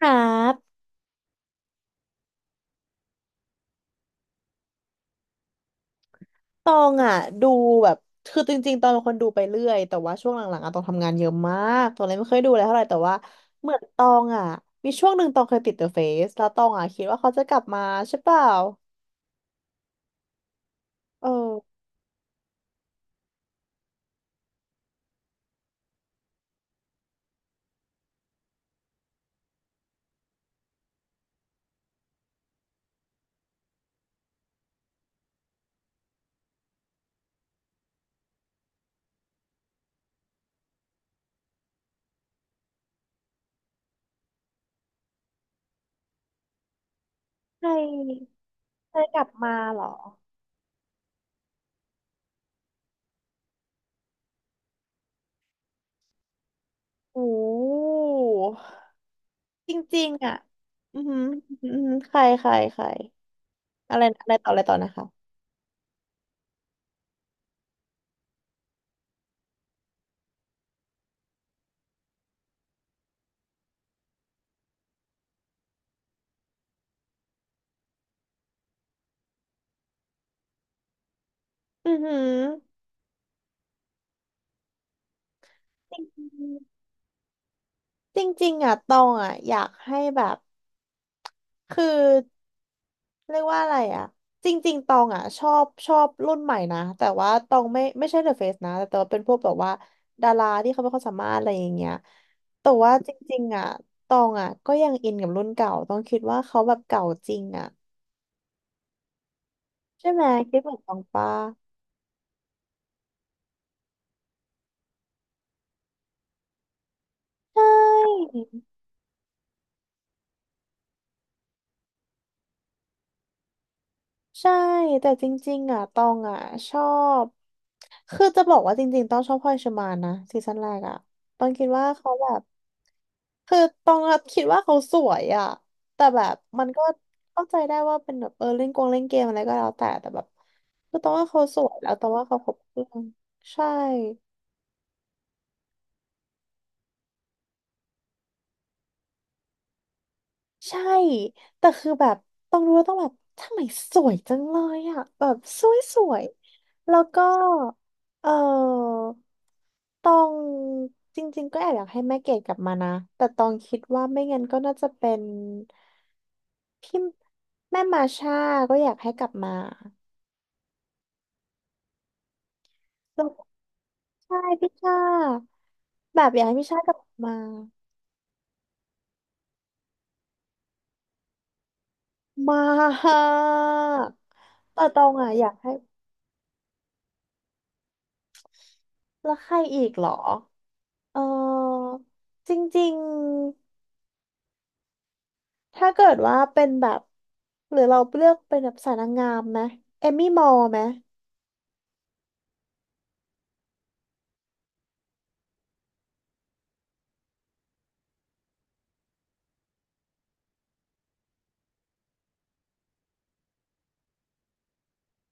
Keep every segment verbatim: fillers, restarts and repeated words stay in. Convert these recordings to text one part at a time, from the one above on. ครับตองอ่ะดูแบบคือจริงๆตองเป็นคนดูไปเรื่อยแต่ว่าช่วงหลังๆอ่ะตองทำงานเยอะมากตองเลยไม่ค่อยดูอะไรเท่าไหร่แต่ว่าเหมือนตองอ่ะมีช่วงหนึ่งตองเคยติด The Face แล้วตองอ่ะคิดว่าเขาจะกลับมาใช่เปล่าเออใครใครกลับมาเหรอโอ้จริงๆอ่ะอือหืออือหือใครใครใครอะไรนะอะไรต่ออะไรต่อนะคะอือหือจริงๆจริงๆอ่ะตองอ่ะอยากให้แบบ คือเรียกว่าอะไรอ่ะจริงๆตองอ่ะชอบชอบรุ่นใหม่นะแต่ว่าตองไม่ไม่ใช่เดอะเฟซนะแต่ตองเป็นพวกแบบว่าดาราที่เขาไม่ค่อยสามารถอะไรอย่างเงี้ยแต่ว่าจริงๆอ่ะตองอ่ะก็ยังอินกับรุ่นเก่าต้องคิดว่าเขาแบบเก่าจริงอ่ะใช่ไหมคิดเหมือนตองปะใช่ ใช่แต่จริงๆอ่ะตองอ่ะชอบคือจะบอกว่าจริงๆต้องชอบพลอยเชอร์มานนะซีซั่นแรกอ่ะตองคิดว่าเขาแบบคือตองอะคิดว่าเขาสวยอ่ะแต่แบบมันก็เข้าใจได้ว่าเป็นแบบเออเล่นกงเล่นเกมอะไรก็แล้วแต่แต่แบบคือตองว่าเขาสวยแล้วตองว่าเขาครบเครื่องใช่ ใช่แต่คือแบบต้องรู้แล้ว่าต้องแบบทำไมสวยจังเลยอ่ะแบบสวยสวยแล้วก็เออตองจริงๆก็แอบอยากให้แม่เกดกลับมานะแต่ตองคิดว่าไม่งั้นก็น่าจะเป็นพี่แม่มาช่าก็อยากให้กลับมาแล้วใช่พี่ช่าแบบอยากให้พี่ช่ากลับมามากแต่ตองอ่ะอยากให้แล้วใครอีกเหรอ เออจริงๆถ้าเกิดว่าเป็นแบบหรือเราเลือกเป็นแบบสายนางงามไหมเอมมี่มอลไหม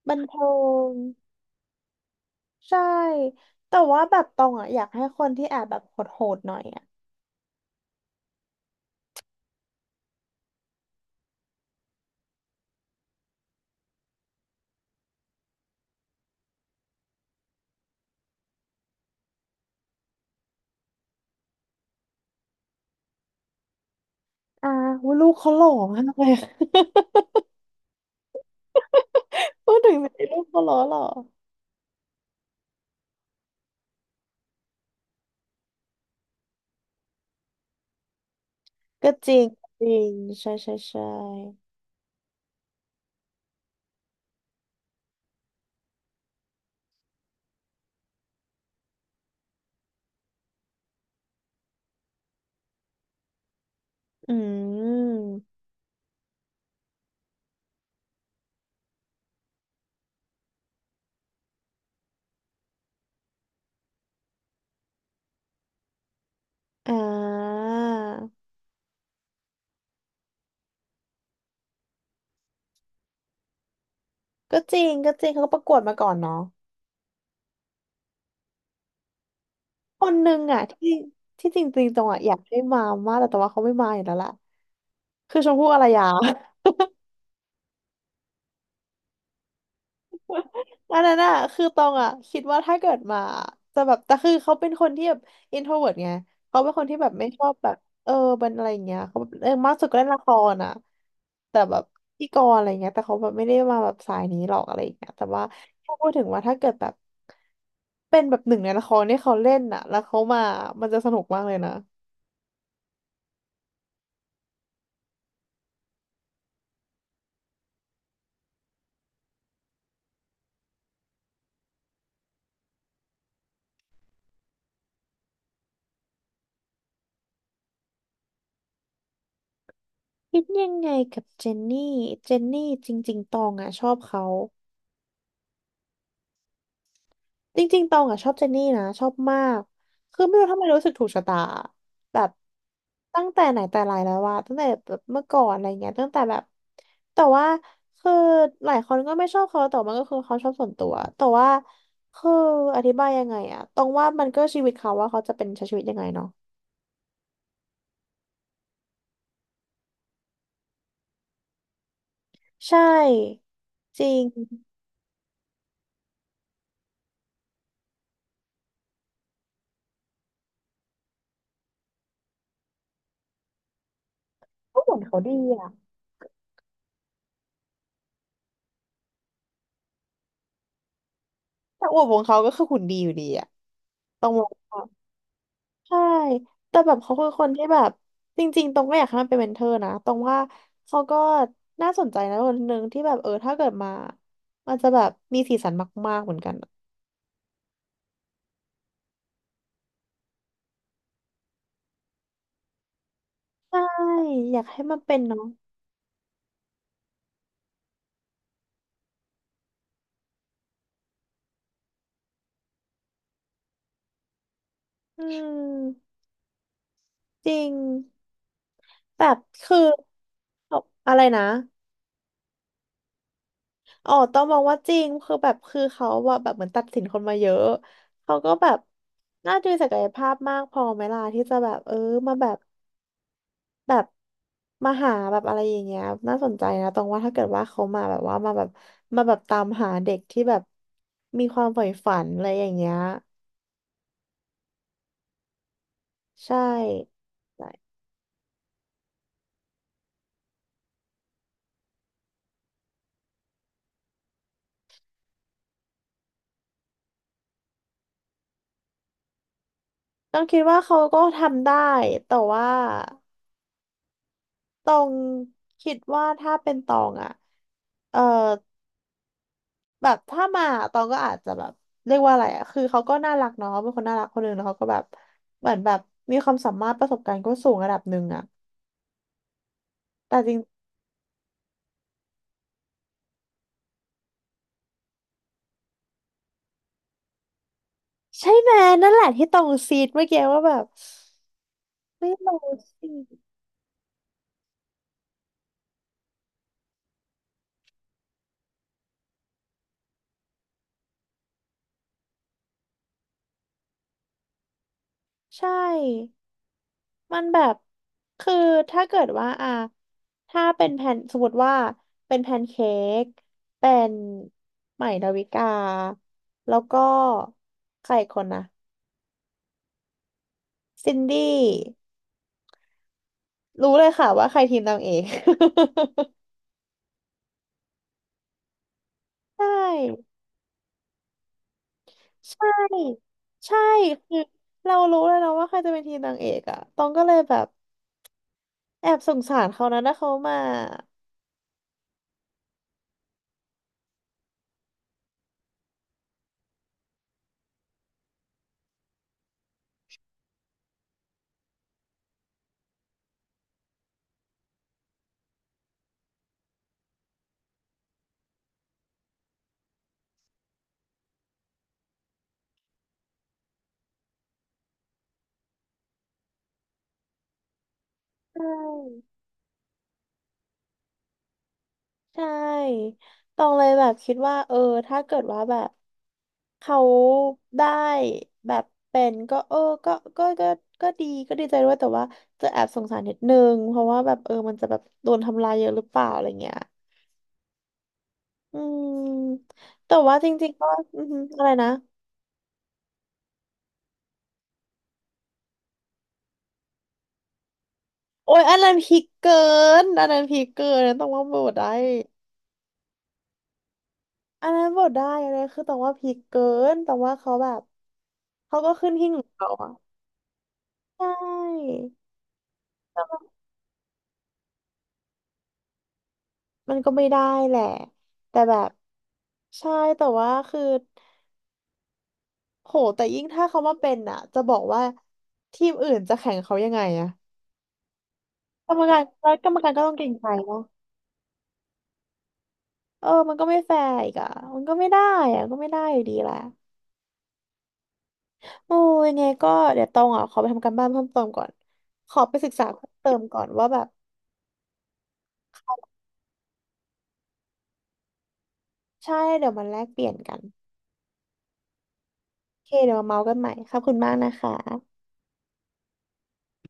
บันเทิงใช่แต่ว่าแบบตองอ่ะอยากให้คนที่แอบแบบโหดๆหน่อยอ่ะอ่าว่าลูกเขาหล่อมากเลย พูดถึงไอ้ลูกเขาหล่อหรอก็จริงจริงใช่ใช่ใช่อืมอ่าก็จริงก็จริงเขาก็ประกวดมาก่อนเนาะ คนหนึ่งอ่ะที่ที่จริงๆตรงอ่ะอยากให้มามากแต่แต่ว่าเขาไม่มาอยู่แล้วล่ะคือชมพู่อารยา อันนั้นอะคือตรงอะคิดว่าถ้าเกิดมาจะแบบแต่คือเขาเป็นคนที่แบบอินโทรเวิร์ตไงเขาเป็นคนที่แบบไม่ชอบแบบเออเป็นอะไรอย่างเงี้ยเขาแบบเออมากสุดก็เล่นละครอะแต่แบบพิธีกรอะไรเงี้ยแต่เขาแบบไม่ได้มาแบบสายนี้หรอกอะไรอย่างเงี้ยแต่ว่าถ้าพูดถึงว่าถ้าเกิดแบบเป็นแบบหนึ่งในละครที่เขาเล่นอะแล้วเขามามันจะสนุกมากเลยนะ คิดยังไงกับเจนนี่เจนนี่จริงๆตองอ่ะชอบเขาจริงๆตองอ่ะชอบเจนนี่นะชอบมากคือไม่รู้ทำไมรู้สึกถูกชะตาแบบตั้งแต่ไหนแต่ไรแล้วว่าตั้งแต่แบบเมื่อก่อนอะไรเงี้ยตั้งแต่แบบแต่ว่าคือหลายคนก็ไม่ชอบเขาแต่มันก็คือเขาชอบส่วนตัวแต่ว่าคืออธิบายยังไงอะตองว่ามันก็ชีวิตเขาว่าเขาจะเป็นใช้ชีวิตยังไงเนาะใช่จริงก็หุ่นเขาดีอะแต่อวบของเขาก็คือหุ่นดีอยู่ดีอะต้องมอง ใช่แต่แบบเขาคือคนที่แบบจริงๆตรงก็อยากให้มันเป็นเมนเทอร์นะตรงว่าเขาก็น่าสนใจนะคนหนึ่งที่แบบเออถ้าเกิดมามันจะแบบมีสีสันมากๆเหมือนกันอะใช่อยากให้มันเป็นเนาะอืมจริงแบบคือเอาอะไรนะอ๋อต้องมองว่าจริงคือแบบคือเขาว่าแบบเหมือนตัดสินคนมาเยอะเขาก็แบบน่าจะมีศักยภาพมากพอไหมล่ะที่จะแบบเออมาแบบ แบบมาหาแบบอะไรอย่างเงี้ยน่าสนใจนะตรงว่าถ้าเกิดว่าเขามาแบบว่ามาแบบมาแบบตามหาเด็กที่แบบมีความใฝ่ฝันอะไรอย่างเงี้ยใช่ต้องคิดว่าเขาก็ทำได้แต่ว่าตองคิดว่าถ้าเป็นตองอ่ะเออแบบถ้ามาตองก็อาจจะแบบเรียกว่าอะไรอ่ะคือเขาก็น่ารักเนาะเป็นคนน่ารักคนหนึ่งแล้วเขาก็แบบเหมือนแบบมีความสามารถประสบการณ์ก็สูงระดับหนึ่งอ่ะแต่จ ใช่ไหมนั่นแหละที่ตรงซีดเมื่อกี้ว่าแบบไม่รู้สิใช่มันแบบคือถ้าเกิดว่าอ่ะถ้าเป็นแผ่นสมมติว่าเป็นแพนเค้กเป็นใหม่ดาวิกาแล้วก็ใครอีกคนนะซินดี้รู้เลยค่ะว่าใครทีมนางเอก ใช่ใช่ใช่คือเรารู้แล้วนะว่าใครจะเป็นทีมนางเอกอะตองก็เลยแบบแอบสงสารเขานะถ้าเขามา ใช่ใช่ตองเลยแบบคิดว่าเออถ้าเกิดว่าแบบเขาได้แบบเป็นก็เออก็ก็ก็ก็ดีก็ดีใจด้วยแต่ว่าจะแอบสงสารนิดนึงเพราะว่าแบบเออมันจะแบบโดนทำลายเยอะหรือเปล่าอะไรเงี้ยอืมแต่ว่าจริงๆก็อือหืออะไรนะโอ้ยอันนั้นพีคเกินอันนั้นพีคเกินอันนั้นต้องว่าโบทได้อันนั้นโบทได้อันนั้นคือต้องว่าพีคเกินต้องว่าเขาแบบเขาก็ขึ้นหิ้งของเขาอะ ใช่มันก็ไม่ได้แหละ แต่แบบใช่แต่ว่าคือโหแต่ยิ่งถ้าเขามาเป็นอ่ะ จะบอกว่าทีมอื่นจะแข่งเขายังไงอะกรรมการแล้วกรรมการก็ต้องเก่งใจเนาะเออมันก็ไม่แฟร์อีกอ่ะมันก็ไม่ได้อ่ะก็ไม่ได้อยู่ดีแหละโอ้ยังไงก็เดี๋ยวตองอ่ะขอไปทำการบ้านเพิ่มเติมก่อนขอไปศึกษาเพิ่มเติมก่อนว่าแบบใช่ เดี๋ยวมันแลกเปลี่ยนกันโอเคเดี๋ยวมาเมาส์กันใหม่ขอบคุณมากนะคะ